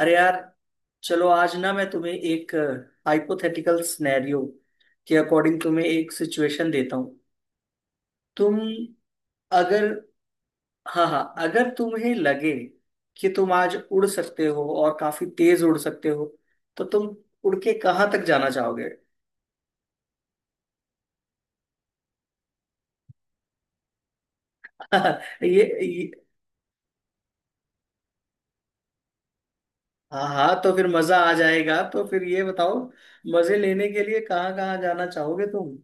अरे यार, चलो आज ना मैं तुम्हें एक हाइपोथेटिकल सिनेरियो के अकॉर्डिंग तुम्हें एक सिचुएशन देता हूँ। तुम अगर। हाँ हाँ, अगर तुम्हें लगे कि तुम आज उड़ सकते हो और काफी तेज उड़ सकते हो, तो तुम उड़ के कहाँ तक जाना चाहोगे? ये। हाँ हाँ, तो फिर मजा आ जाएगा। तो फिर ये बताओ, मजे लेने के लिए कहाँ कहाँ जाना चाहोगे तुम?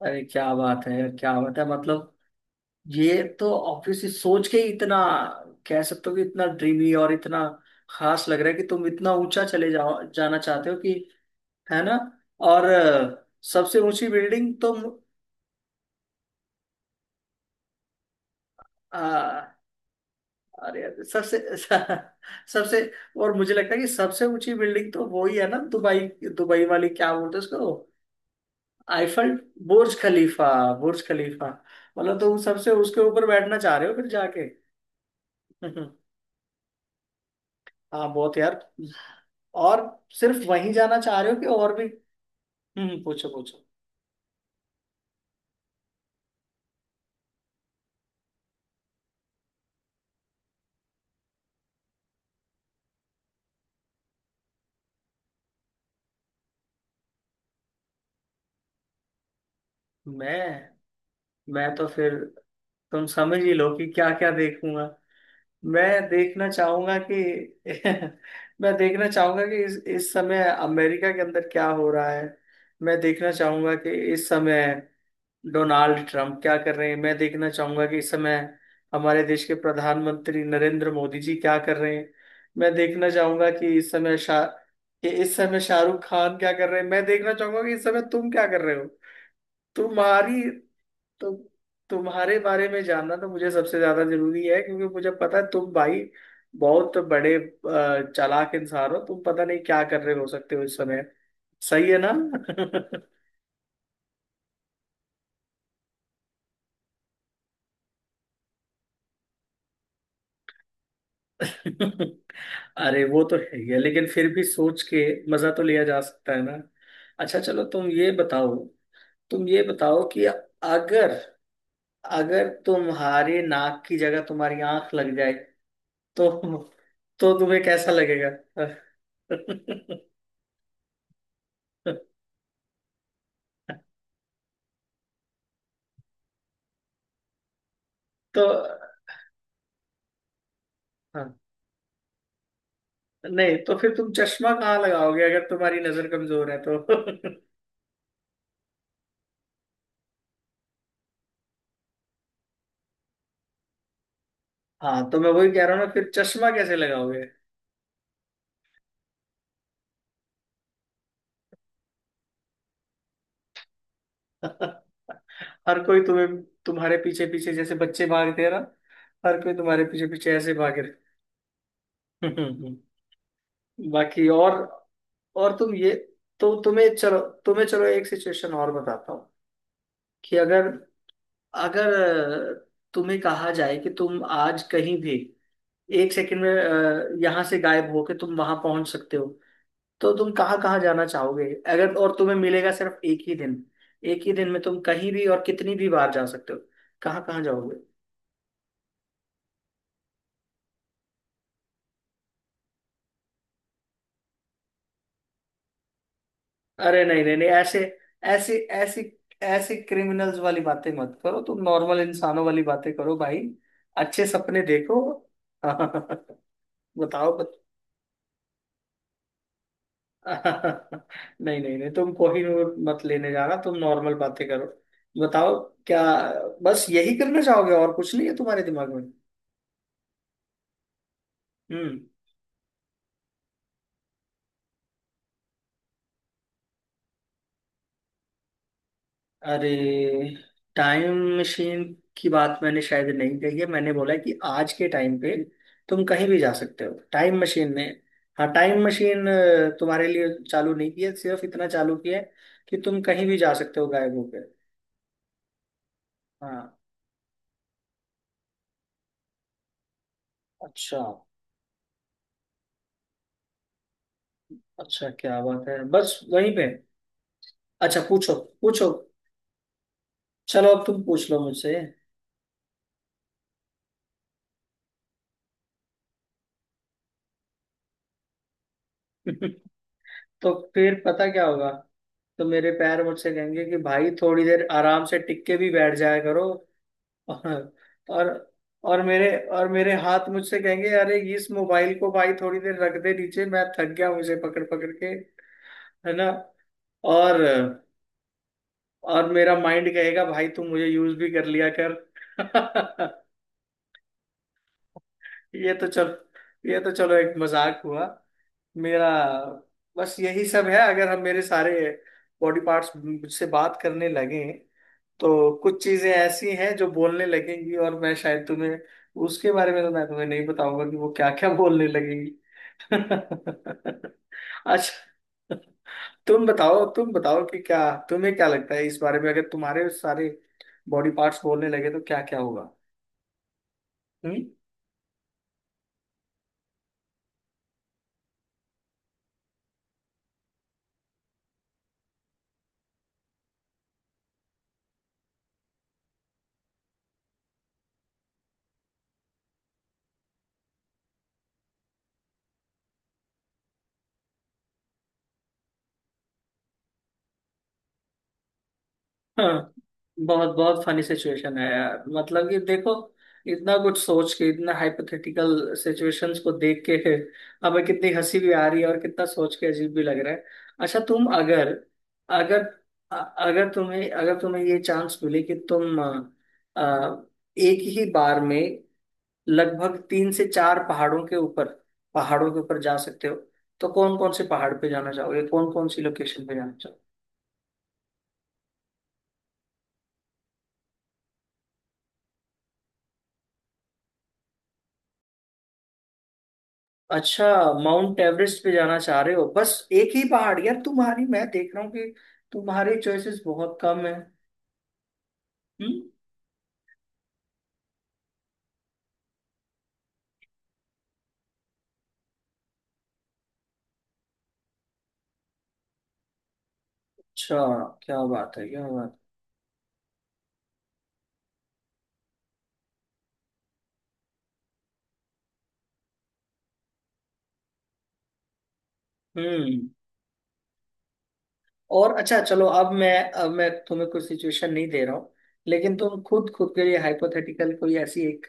अरे क्या बात है क्या बात है। मतलब ये तो ऑब्वियसली सोच के ही इतना कह सकते हो कि इतना ड्रीमी और इतना खास लग रहा है कि तुम इतना ऊंचा चले जाओ जाना चाहते हो कि। है ना। और सबसे ऊंची बिल्डिंग तुम। आ, अरे यार, सबसे सबसे। और मुझे लगता है कि सबसे ऊंची बिल्डिंग तो वही है ना, दुबई। दुबई वाली क्या बोलते हैं उसको? आईफल। बुर्ज खलीफा। बुर्ज खलीफा। मतलब तुम सबसे उसके ऊपर बैठना चाह रहे हो फिर जाके। हाँ बहुत यार। और सिर्फ वहीं जाना चाह रहे हो कि और भी? हम्म, पूछो पूछो। मैं मैं तो फिर तुम समझ ही लो कि क्या क्या देखूंगा। मैं देखना चाहूंगा कि मैं देखना चाहूंगा कि इस समय अमेरिका के अंदर क्या हो रहा है। मैं देखना चाहूंगा कि इस समय डोनाल्ड ट्रंप क्या कर रहे हैं। मैं देखना चाहूंगा कि इस समय हमारे देश के प्रधानमंत्री नरेंद्र मोदी जी क्या कर रहे हैं। मैं देखना चाहूंगा कि इस समय शाहरुख खान क्या कर रहे हैं। मैं देखना चाहूंगा कि इस समय तुम क्या कर रहे हो। तुम्हारी तुम तुम्हारे बारे में जानना तो मुझे सबसे ज्यादा जरूरी है, क्योंकि मुझे पता है तुम भाई बहुत बड़े चालाक इंसान हो। तुम पता नहीं क्या कर रहे हो सकते हो इस समय। सही है ना? अरे वो तो है ही है, लेकिन फिर भी सोच के मजा तो लिया जा सकता है ना। अच्छा चलो, तुम ये बताओ। तुम ये बताओ कि अगर अगर तुम्हारे नाक की जगह तुम्हारी आंख लग जाए तो तो तुम्हें कैसा लगेगा? तो, हाँ, नहीं तो फिर तुम चश्मा कहाँ लगाओगे, अगर तुम्हारी नजर कमजोर है तो? हाँ तो मैं वही कह रहा हूँ ना, फिर चश्मा कैसे लगाओगे? हर कोई तुम्हें तुम्हारे पीछे पीछे, जैसे बच्चे भागते हैं ना, हर कोई तुम्हारे पीछे पीछे ऐसे भागे। बाकी और तुम ये। तो तुम्हें चलो, एक सिचुएशन और बताता हूँ कि अगर अगर तुम्हें कहा जाए कि तुम आज कहीं भी एक सेकंड में यहाँ से गायब होके तुम वहां पहुंच सकते हो, तो तुम कहाँ कहाँ जाना चाहोगे? अगर, और तुम्हें मिलेगा सिर्फ एक ही दिन। एक ही दिन में तुम कहीं भी और कितनी भी बार जा सकते हो, कहाँ कहाँ जाओगे? अरे नहीं नहीं नहीं, ऐसे, ऐसे ऐसी ऐसी क्रिमिनल्स वाली बातें मत करो। तुम नॉर्मल इंसानों वाली बातें करो भाई, अच्छे सपने देखो। बताओ। बत... नहीं नहीं नहीं, तुम कोहिनूर मत लेने जाना, तुम नॉर्मल बातें करो, बताओ। क्या, बस यही करना चाहोगे और कुछ नहीं है तुम्हारे दिमाग में? हम्म। अरे, टाइम मशीन की बात मैंने शायद नहीं कही है। मैंने बोला है कि आज के टाइम पे तुम कहीं भी जा सकते हो। टाइम मशीन ने हाँ, टाइम मशीन तुम्हारे लिए चालू नहीं की है, सिर्फ इतना चालू किया है कि तुम कहीं भी जा सकते हो गायब होकर। हाँ। अच्छा अच्छा। क्या बात है, बस वहीं पे? अच्छा, पूछो पूछो। चलो अब तुम पूछ लो मुझसे। तो फिर पता क्या होगा, तो मेरे पैर मुझसे कहेंगे कि भाई थोड़ी देर आराम से टिक के भी बैठ जाया करो। और, और और मेरे मेरे हाथ मुझसे कहेंगे अरे इस मोबाइल को भाई थोड़ी देर रख दे नीचे, मैं थक गया मुझे पकड़ पकड़ के। है ना। और, मेरा माइंड कहेगा भाई तू मुझे यूज भी कर लिया कर। ये तो चल ये तो चलो, एक मजाक हुआ मेरा। बस यही सब है, अगर हम मेरे सारे बॉडी पार्ट्स मुझसे बात करने लगे, तो कुछ चीजें ऐसी हैं जो बोलने लगेंगी, और मैं शायद तुम्हें उसके बारे में तो मैं तुम्हें नहीं बताऊंगा कि वो क्या क्या बोलने लगेंगी। अच्छा, तुम बताओ तुम बताओ, कि क्या तुम्हें क्या लगता है इस बारे में, अगर तुम्हारे सारे बॉडी पार्ट्स बोलने लगे तो क्या क्या होगा? हम्म? हाँ, बहुत बहुत फनी सिचुएशन है यार, मतलब कि देखो, इतना कुछ सोच के, इतना हाइपोथेटिकल सिचुएशंस को देख के, हमें कितनी हंसी भी आ रही है और कितना सोच के अजीब भी लग रहा है। अच्छा, तुम अगर अगर अ- अगर तुम्हें ये चांस मिले कि तुम अ, एक ही बार में लगभग तीन से चार पहाड़ों के ऊपर, जा सकते हो, तो कौन कौन से पहाड़ पे जाना चाहोगे, कौन कौन सी लोकेशन पे जाना? अच्छा, माउंट एवरेस्ट पे जाना चाह रहे हो, बस एक ही पहाड़? यार, तुम्हारी, मैं देख रहा हूँ कि तुम्हारे चॉइसेस बहुत कम है। हम्म। अच्छा क्या बात है क्या बात। हम्म। और अच्छा चलो, अब मैं तुम्हें कोई सिचुएशन नहीं दे रहा हूँ, लेकिन तुम खुद, के लिए हाइपोथेटिकल कोई ऐसी एक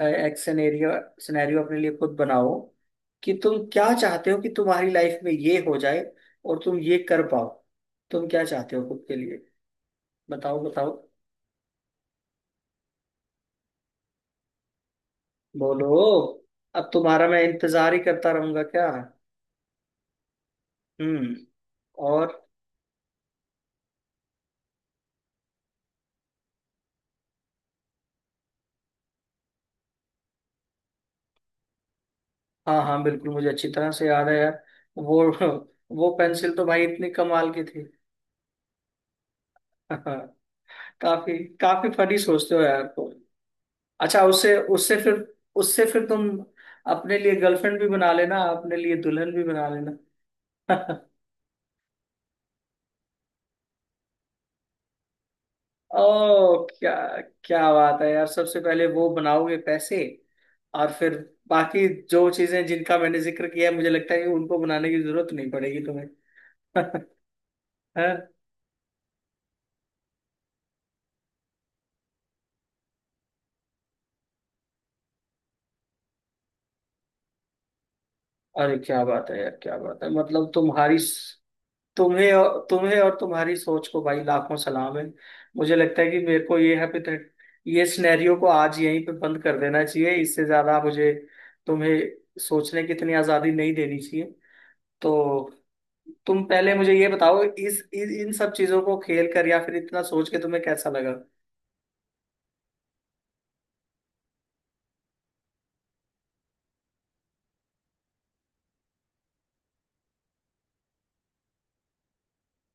एक सिनेरियो, अपने लिए खुद बनाओ, कि तुम क्या चाहते हो कि तुम्हारी लाइफ में ये हो जाए और तुम ये कर पाओ। तुम क्या चाहते हो खुद के लिए? बताओ बताओ, बोलो। अब तुम्हारा मैं इंतजार ही करता रहूंगा क्या? हम्म। और, हाँ हाँ बिल्कुल, मुझे अच्छी तरह से याद है यार, वो वो पेंसिल तो भाई इतनी कमाल की थी। हाँ, काफी काफी फनी सोचते हो यार तुम। अच्छा, उससे उससे फिर तुम अपने लिए गर्लफ्रेंड भी बना लेना, अपने लिए दुल्हन भी बना लेना। ओ क्या, क्या बात है यार, सबसे पहले वो बनाओगे पैसे? और फिर बाकी जो चीजें जिनका मैंने जिक्र किया है, मुझे लगता है कि उनको बनाने की जरूरत नहीं पड़ेगी तुम्हें। है? अरे क्या बात है यार क्या बात है, मतलब तुम्हारी, तुम्हें और तुम्हारी सोच को भाई लाखों सलाम है। मुझे लगता है कि मेरे को ये है, ये सिनेरियो को आज यहीं पे बंद कर देना चाहिए। इससे ज्यादा मुझे तुम्हें सोचने की इतनी आजादी नहीं देनी चाहिए। तो तुम पहले मुझे ये बताओ, इस इन इन सब चीजों को खेल कर या फिर इतना सोच के तुम्हें कैसा लगा?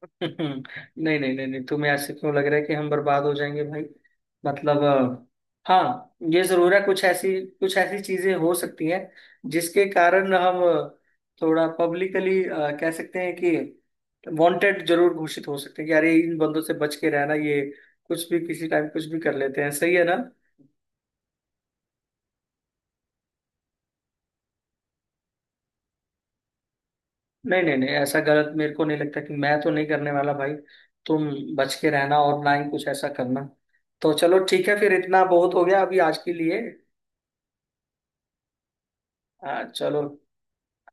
नहीं नहीं नहीं नहीं, तुम्हें ऐसे क्यों लग रहा है कि हम बर्बाद हो जाएंगे भाई? मतलब हाँ, ये जरूर है, कुछ ऐसी चीजें हो सकती हैं जिसके कारण हम थोड़ा पब्लिकली कह सकते हैं कि, वांटेड जरूर घोषित हो सकते हैं कि अरे इन बंदों से बच के रहना, ये कुछ भी किसी टाइम कुछ भी कर लेते हैं, सही है ना। नहीं नहीं नहीं, ऐसा गलत मेरे को नहीं लगता, कि मैं तो नहीं करने वाला भाई। तुम बच के रहना, और ना ही कुछ ऐसा करना। तो चलो ठीक है, फिर इतना बहुत हो गया अभी आज के लिए। हाँ चलो।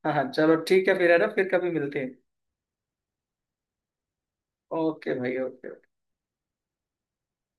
हाँ हाँ चलो, ठीक है फिर, है ना, फिर कभी मिलते हैं। ओके भाई, ओके।